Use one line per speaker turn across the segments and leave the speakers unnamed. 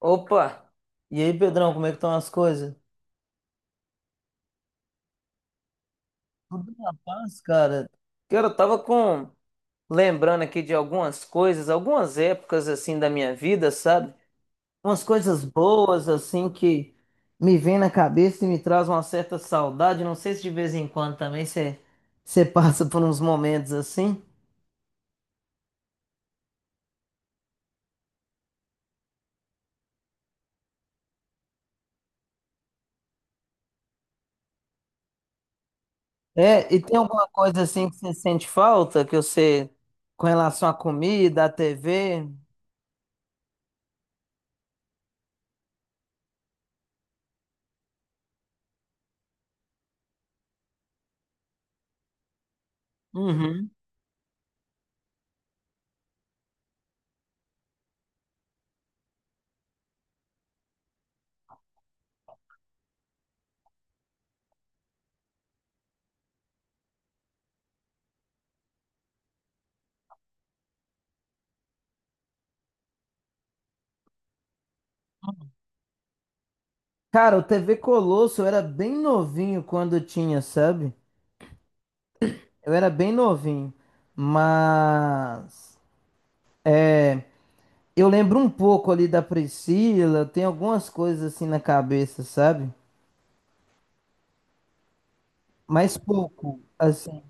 Opa! E aí, Pedrão, como é que estão as coisas? Tudo na paz, cara. Cara, eu tava lembrando aqui de algumas coisas, algumas épocas, assim, da minha vida, sabe? Umas coisas boas, assim, que me vem na cabeça e me traz uma certa saudade. Não sei se de vez em quando também você passa por uns momentos assim. É, e tem alguma coisa, assim, que você sente falta, que você... com relação à comida, à TV? Uhum. Cara, o TV Colosso eu era bem novinho quando tinha, sabe? Eu era bem novinho. Mas eu lembro um pouco ali da Priscila, tem algumas coisas assim na cabeça, sabe? Mas pouco, assim.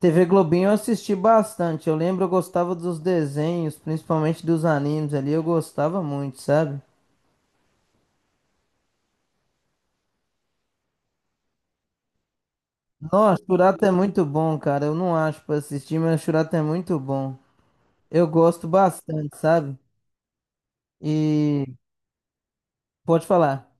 TV Globinho eu assisti bastante. Eu lembro, eu gostava dos desenhos, principalmente dos animes ali, eu gostava muito, sabe? Nossa, Churato é muito bom, cara. Eu não acho pra assistir, mas Churato é muito bom. Eu gosto bastante, sabe? E pode falar.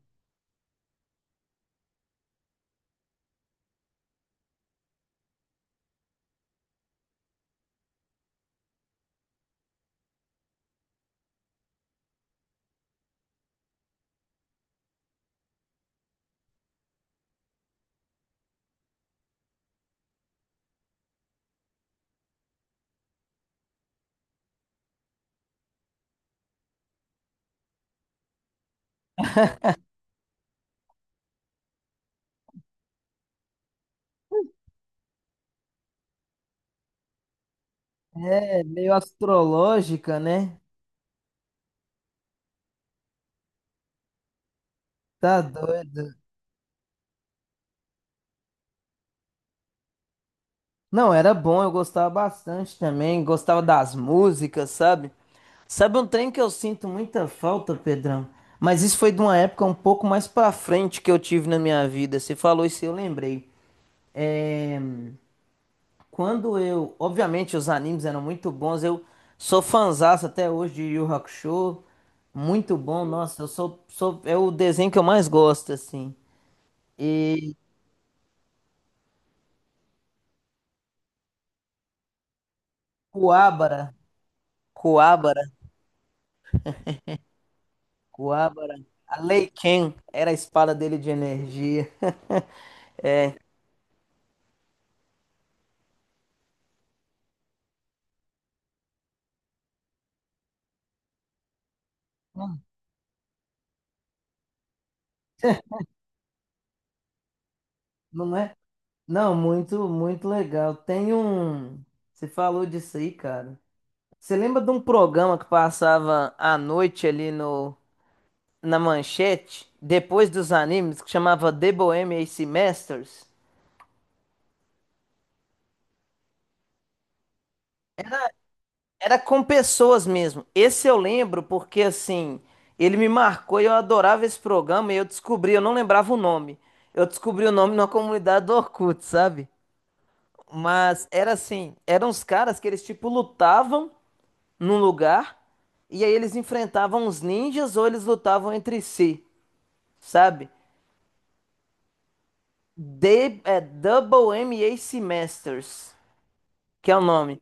É meio astrológica, né? Tá doido. Não, era bom, eu gostava bastante também, gostava das músicas, sabe? Sabe um trem que eu sinto muita falta, Pedrão? Mas isso foi de uma época um pouco mais pra frente que eu tive na minha vida. Você falou isso, e eu lembrei. É, quando eu. Obviamente, os animes eram muito bons. Eu sou fãzaço até hoje de Yu Yu Hakusho. Muito bom, nossa, eu sou. É o desenho que eu mais gosto, assim. E. Kuwabara. Coabra, Coabra. A Lei Ken era a espada dele de energia. Não é? Não, muito, muito legal. Tem um. Você falou disso aí, cara. Você lembra de um programa que passava à noite ali no na manchete, depois dos animes, que chamava The Bohemian Semesters? Era com pessoas mesmo. Esse eu lembro porque, assim, ele me marcou e eu adorava esse programa e eu descobri, eu não lembrava o nome. Eu descobri o nome numa comunidade do Orkut, sabe? Mas era assim, eram uns caras que eles, tipo, lutavam num lugar e aí eles enfrentavam os ninjas ou eles lutavam entre si, sabe? De, é Double MAC Masters, que é o nome.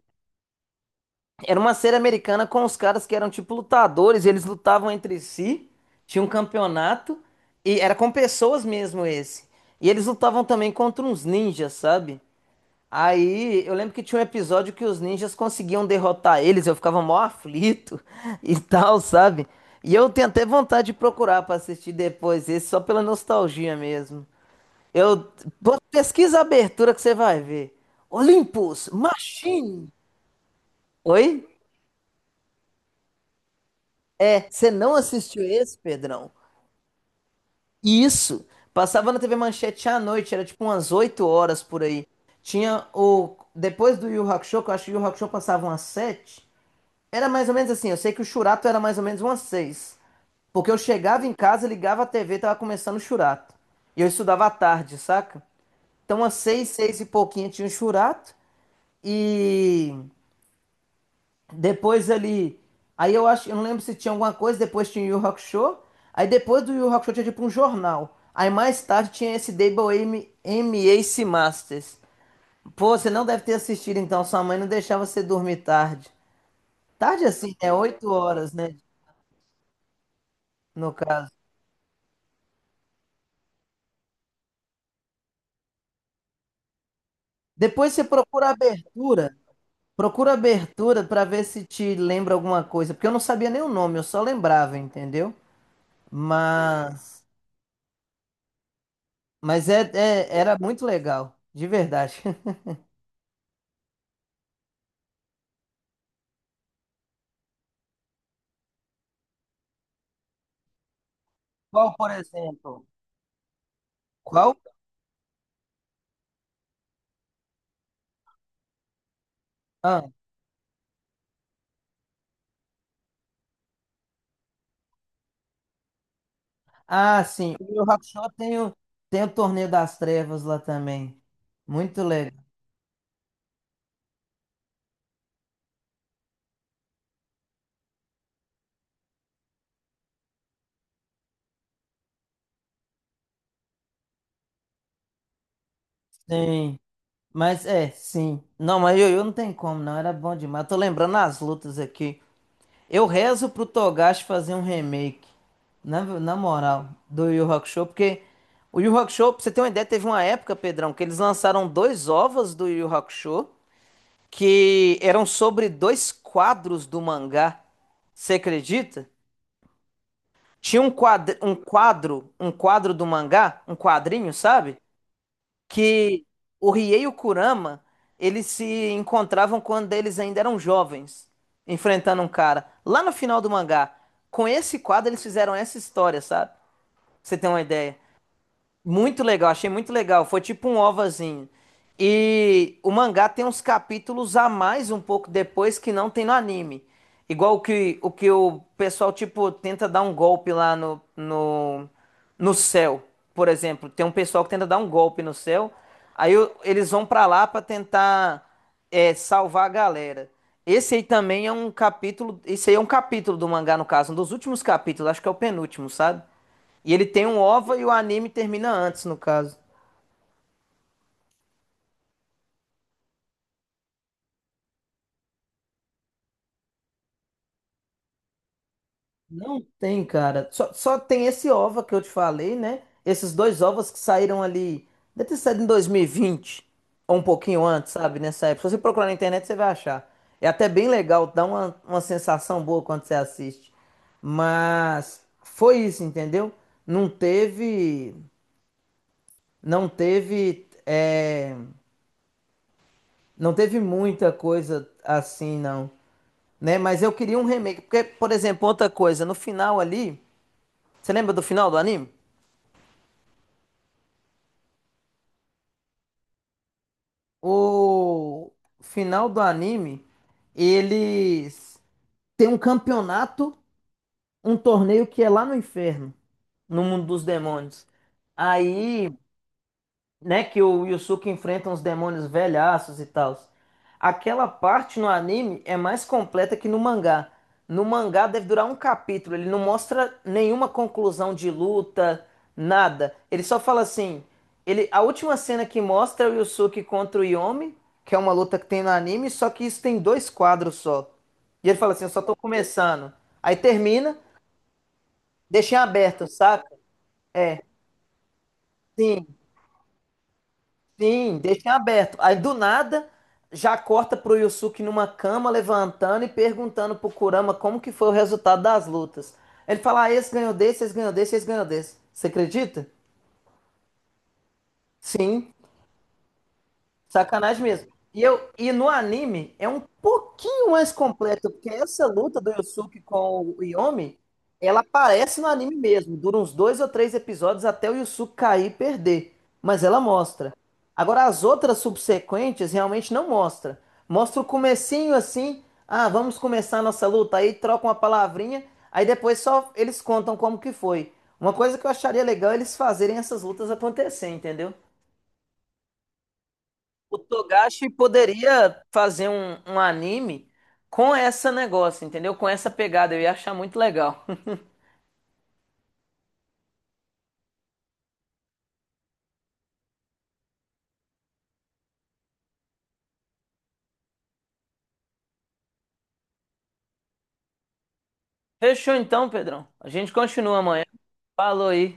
Era uma série americana com os caras que eram tipo lutadores, e eles lutavam entre si, tinha um campeonato, e era com pessoas mesmo esse. E eles lutavam também contra uns ninjas, sabe? Aí eu lembro que tinha um episódio que os ninjas conseguiam derrotar eles, eu ficava mó aflito e tal, sabe? E eu tenho até vontade de procurar pra assistir depois esse, só pela nostalgia mesmo. Eu Pô, pesquisa a abertura que você vai ver. Olympus, Machine. Oi? É, você não assistiu esse, Pedrão? Isso. Passava na TV Manchete à noite, era tipo umas 8 horas por aí. Tinha o. Depois do Yu Yu Hakusho, que eu acho que o Yu Yu Hakusho passava umas 7. Era mais ou menos assim, eu sei que o Churato era mais ou menos umas 6, porque eu chegava em casa, ligava a TV, tava começando o Churato. E eu estudava à tarde, saca? Então, às seis, seis e pouquinho tinha o Churato. E depois ele. Aí eu acho, eu não lembro se tinha alguma coisa, depois tinha o Yu Yu Hakusho. Aí depois do Yu Yu Hakusho tinha tipo um jornal. Aí mais tarde tinha esse Double M, MAC Masters. Pô, você não deve ter assistido então, sua mãe não deixava você dormir tarde. Tarde assim, é 8 horas, né? No caso. Depois você procura a abertura. Procura a abertura pra ver se te lembra alguma coisa. Porque eu não sabia nem o nome, eu só lembrava, entendeu? Mas. Mas era muito legal, de verdade. Qual, por exemplo? Qual? Ah, ah, sim. O Yu Yu Hakusho tem o, tem o Torneio das Trevas lá também. Muito legal. Sim. Mas é, sim. Não, mas Yu Yu não tem como, não. Era bom demais. Tô lembrando as lutas aqui. Eu rezo pro Togashi fazer um remake. Na moral, do Yu Yu Hakusho, porque o Yu Yu Hakusho, pra você ter uma ideia, teve uma época, Pedrão, que eles lançaram dois ovos do Yu Yu Hakusho que eram sobre dois quadros do mangá. Você acredita? Tinha um quadro, um quadro, um quadro do mangá, um quadrinho, sabe? Que o Riei e o Kurama, eles se encontravam quando eles ainda eram jovens, enfrentando um cara. Lá no final do mangá, com esse quadro eles fizeram essa história, sabe? Pra Você tem uma ideia? Muito legal, achei muito legal. Foi tipo um ovazinho. E o mangá tem uns capítulos a mais um pouco depois que não tem no anime. Igual o que o pessoal tipo tenta dar um golpe lá no céu, por exemplo. Tem um pessoal que tenta dar um golpe no céu. Aí eles vão pra lá pra tentar, salvar a galera. Esse aí também é um capítulo, esse aí é um capítulo do mangá no caso, um dos últimos capítulos, acho que é o penúltimo, sabe? E ele tem um OVA e o anime termina antes, no caso. Não tem, cara. Só tem esse OVA que eu te falei, né? Esses dois OVAs que saíram ali. Deve ter saído em 2020. Ou um pouquinho antes, sabe? Nessa época. Se você procurar na internet, você vai achar. É até bem legal, dá uma sensação boa quando você assiste. Mas foi isso, entendeu? Não teve. Não teve. Não teve muita coisa assim, não. Né? Mas eu queria um remake. Porque, por exemplo, outra coisa, no final ali. Você lembra do final do anime? O final do anime, eles têm um campeonato, um torneio que é lá no inferno, no mundo dos demônios. Aí né, que o Yusuke enfrenta uns demônios velhaços e tal. Aquela parte no anime é mais completa que no mangá. No mangá deve durar um capítulo, ele não mostra nenhuma conclusão de luta, nada. Ele só fala assim, ele, a última cena que mostra é o Yusuke contra o Yomi, que é uma luta que tem no anime, só que isso tem dois quadros só. E ele fala assim, eu só tô começando. Aí termina, deixa em aberto, saca? É, sim. Sim, deixa em aberto. Aí do nada já corta pro Yusuke numa cama levantando e perguntando pro Kurama como que foi o resultado das lutas. Ele fala: ah, esse ganhou desse, esse ganhou desse, esse ganhou desse. Você acredita? Sim. Sacanagem mesmo. E no anime é um pouquinho mais completo, porque essa luta do Yusuke com o Yomi, ela aparece no anime mesmo. Dura uns dois ou três episódios até o Yusuke cair e perder. Mas ela mostra. Agora, as outras subsequentes realmente não mostra. Mostra o comecinho assim, ah, vamos começar a nossa luta. Aí troca uma palavrinha, aí depois só eles contam como que foi. Uma coisa que eu acharia legal é eles fazerem essas lutas acontecer, entendeu? O Togashi poderia fazer um anime com essa negócio, entendeu? Com essa pegada, eu ia achar muito legal. Fechou então, Pedrão. A gente continua amanhã. Falou aí.